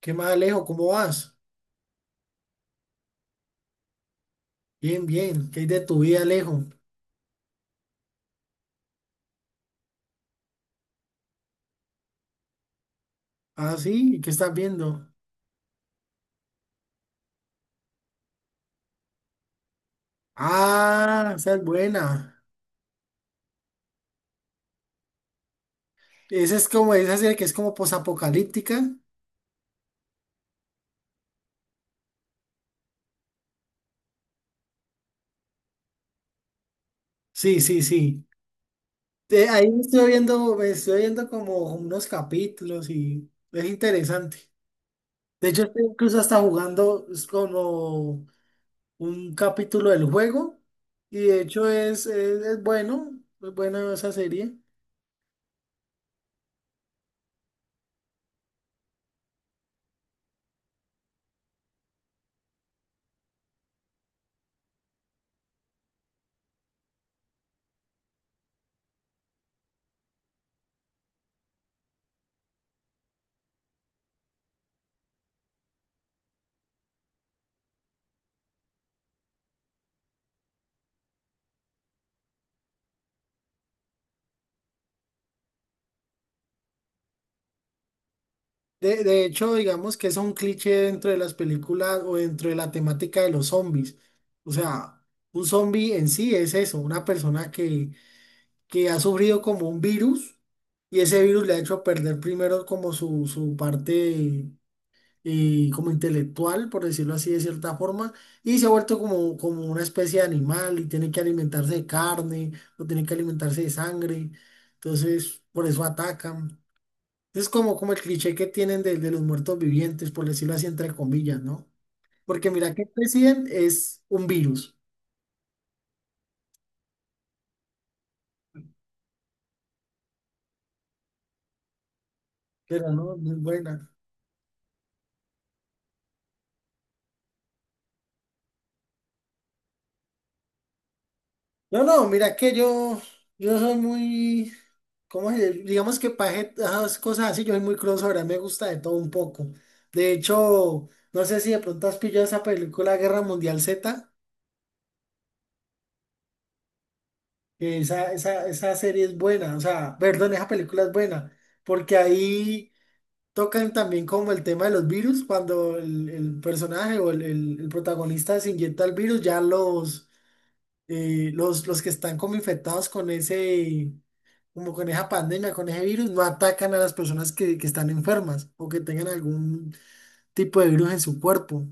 ¿Qué más, Alejo? ¿Cómo vas? Bien, bien. ¿Qué hay de tu vida, Alejo? Ah, sí. ¿Qué estás viendo? Ah, esa es buena. Esa es como, esa serie que es como posapocalíptica. Sí, sí, sí. Ahí me estoy viendo como unos capítulos y es interesante. De hecho, estoy incluso hasta jugando es como un capítulo del juego y de hecho es bueno, es buena esa serie. De hecho, digamos que es un cliché dentro de las películas o dentro de la temática de los zombies. O sea, un zombie en sí es eso, una persona que ha sufrido como un virus y ese virus le ha hecho perder primero como su parte como intelectual, por decirlo así de cierta forma, y se ha vuelto como, como una especie de animal y tiene que alimentarse de carne o tiene que alimentarse de sangre. Entonces, por eso atacan. Es como, como el cliché que tienen de los muertos vivientes, por decirlo así, entre comillas, ¿no? Porque mira que el presidente es un virus, pero no, muy buena. No, no, mira que yo soy muy, ¿cómo se dice? Digamos que para esas cosas así, yo soy muy crossover, a mí me gusta de todo un poco. De hecho, no sé si de pronto has pillado esa película Guerra Mundial Z, que esa serie es buena, o sea, perdón, esa película es buena, porque ahí tocan también como el tema de los virus, cuando el personaje o el protagonista se inyecta el virus, ya los que están como infectados con ese, como con esa pandemia, con ese virus, no atacan a las personas que están enfermas o que tengan algún tipo de virus en su cuerpo.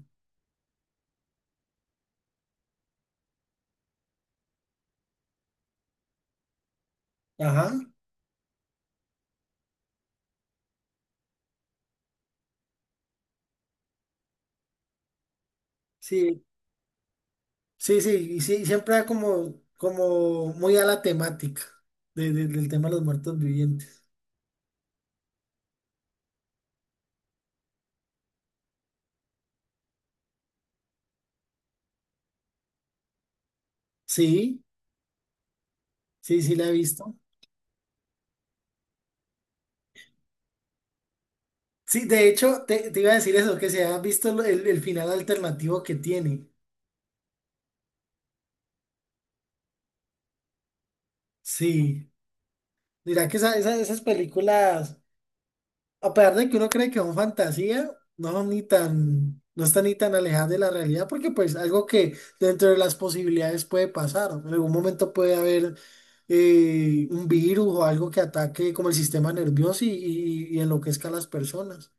Ajá. Sí, sí, sí, y sí, siempre da como, como muy a la temática del tema de los muertos vivientes. Sí, sí, sí la he visto. Sí, de hecho, te iba a decir eso, que se ha visto el final alternativo que tiene. Sí. Dirá que esas películas, a pesar de que uno cree que son fantasía, no son ni tan, no están ni tan alejadas de la realidad, porque pues algo que dentro de las posibilidades puede pasar. En algún momento puede haber un virus o algo que ataque como el sistema nervioso y, y enloquezca a las personas.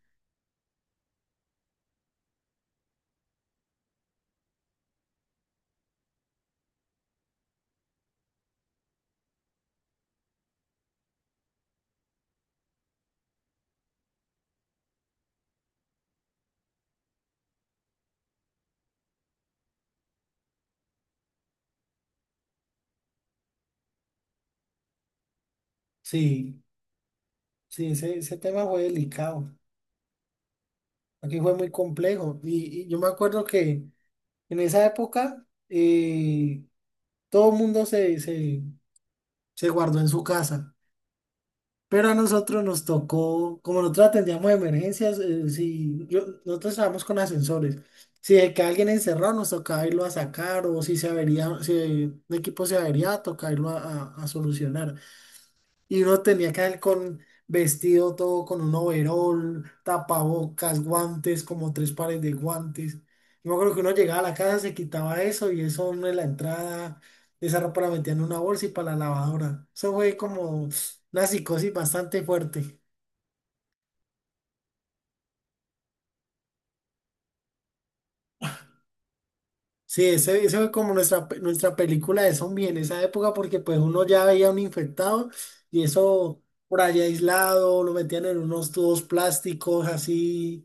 Sí, sí, ese tema fue delicado. Aquí fue muy complejo. Y y yo me acuerdo que en esa época, todo el mundo se guardó en su casa, pero a nosotros nos tocó, como nosotros atendíamos emergencias, si yo- nosotros estábamos con ascensores. Si de que alguien encerrado nos tocaba irlo a sacar o si se avería, si el equipo se avería, tocaba irlo a, a solucionar. Y uno tenía que ir con vestido todo, con un overol, tapabocas, guantes, como tres pares de guantes. Yo me acuerdo que uno llegaba a la casa, se quitaba eso y eso uno en la entrada, esa ropa la metía en una bolsa y para la lavadora. Eso fue como una psicosis bastante fuerte. Sí, ese fue como nuestra, nuestra película de zombie en esa época, porque pues uno ya veía un infectado y eso por allá aislado, lo metían en unos tubos plásticos así,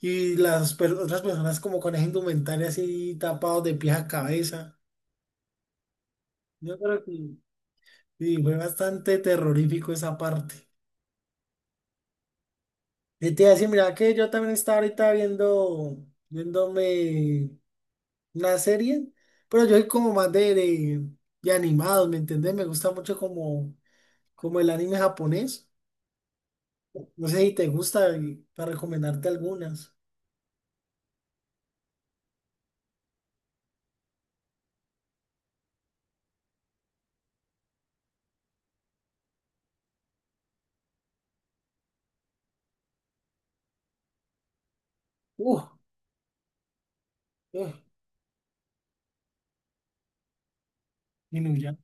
y otras personas como con esa indumentaria así tapados de pies a cabeza. Yo creo que sí, fue bastante terrorífico esa parte. Y te iba a decir, mira que yo también estaba ahorita viendo, viéndome la serie, pero yo soy como más de animados, ¿me entendés? Me gusta mucho como, como el anime japonés. No sé si te gusta y para recomendarte algunas. Uf, uf, Inuyasha.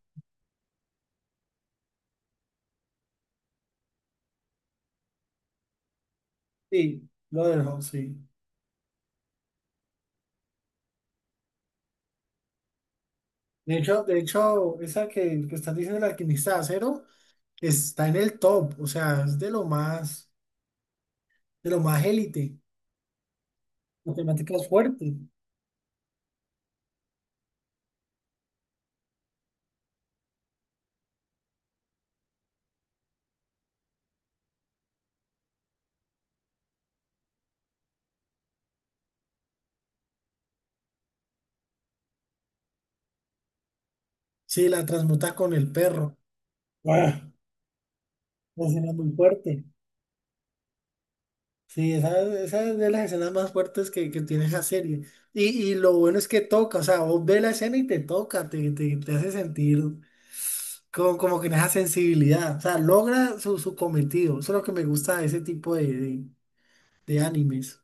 Sí, lo dejo, sí. De hecho, esa que estás diciendo, el alquimista de acero, está en el top, o sea, es de lo más élite. La temática es fuerte. Sí, la transmuta con el perro. Ah, la escena es muy fuerte. Sí, esa es de las escenas más fuertes que tiene esa serie. Y, y lo bueno es que toca, o sea, vos ves la escena y te toca, te hace sentir como, como que en esa sensibilidad, o sea, logra su, su cometido. Eso es lo que me gusta de ese tipo de animes.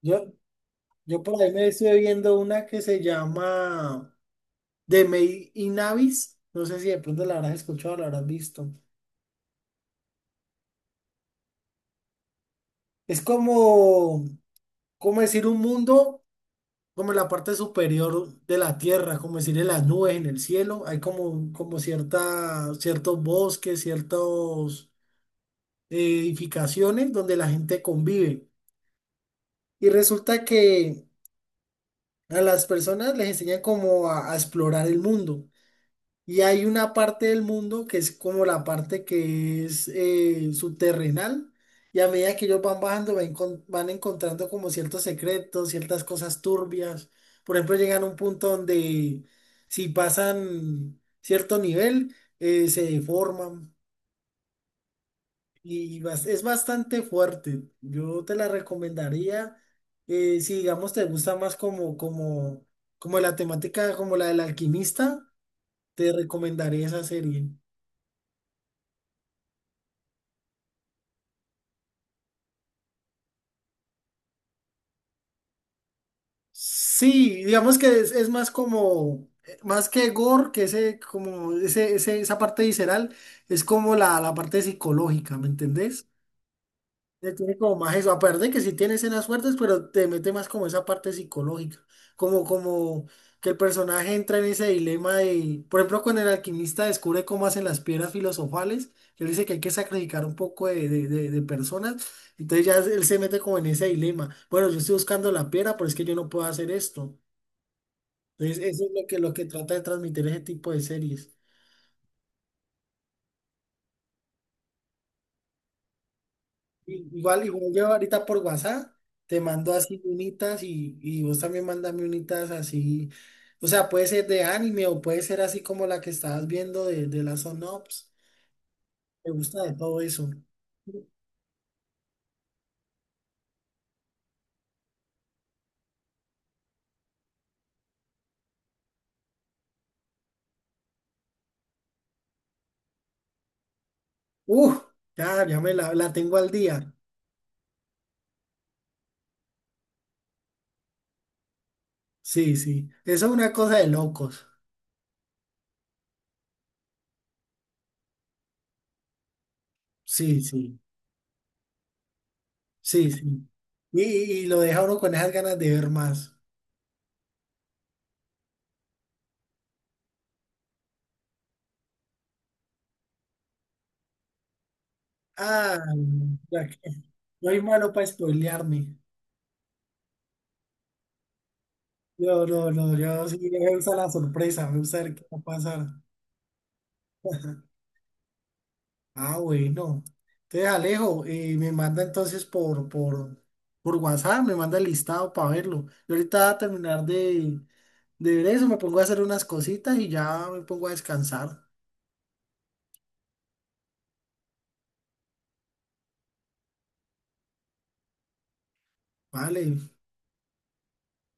Yo, yo por ahí me estuve viendo una que se llama The Maid in Abyss. No sé si de pronto la habrás escuchado o la habrás visto. Es como, como decir un mundo, como en la parte superior de la tierra, como decir en las nubes, en el cielo, hay como, como cierta, ciertos bosques, ciertas edificaciones donde la gente convive. Y resulta que a las personas les enseñan como a explorar el mundo. Y hay una parte del mundo que es como la parte que es subterrenal. Y a medida que ellos van bajando, van encontrando como ciertos secretos, ciertas cosas turbias. Por ejemplo, llegan a un punto donde si pasan cierto nivel, se deforman. Y es bastante fuerte. Yo te la recomendaría, si digamos te gusta más como, como, como la temática, como la del alquimista, te recomendaría esa serie. Sí, digamos que es más como, más que gore, que ese, como ese, esa parte visceral, es como la parte psicológica, ¿me entendés? Le tiene como más eso, aparte de que sí tiene escenas fuertes, pero te mete más como esa parte psicológica, como, como que el personaje entra en ese dilema de, por ejemplo, cuando el alquimista descubre cómo hacen las piedras filosofales, que él dice que hay que sacrificar un poco de personas, entonces ya él se mete como en ese dilema, bueno, yo estoy buscando la piedra, pero es que yo no puedo hacer esto. Entonces, eso es lo que trata de transmitir ese tipo de series. Igual, yo ahorita por WhatsApp te mando así unitas y vos también mandame unitas así. O sea, puede ser de anime o puede ser así como la que estabas viendo de las Ops. Me gusta de todo eso. Uf, ya, ya me la tengo al día. Sí, sí. Eso es una cosa de locos. Sí, sí, sí, sí. Y lo deja uno con esas ganas de ver más. Ah, ya que soy malo para spoilearme. No, no, no, yo sí me gusta la sorpresa, me gusta ver qué va a pasar. Ah, bueno. Entonces, Alejo, me manda entonces por WhatsApp, me manda el listado para verlo. Yo ahorita voy a terminar de ver eso, me pongo a hacer unas cositas y ya me pongo a descansar. Vale,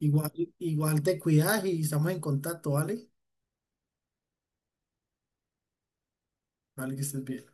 igual, igual te cuidas y estamos en contacto, ¿vale? Vale, que estés bien.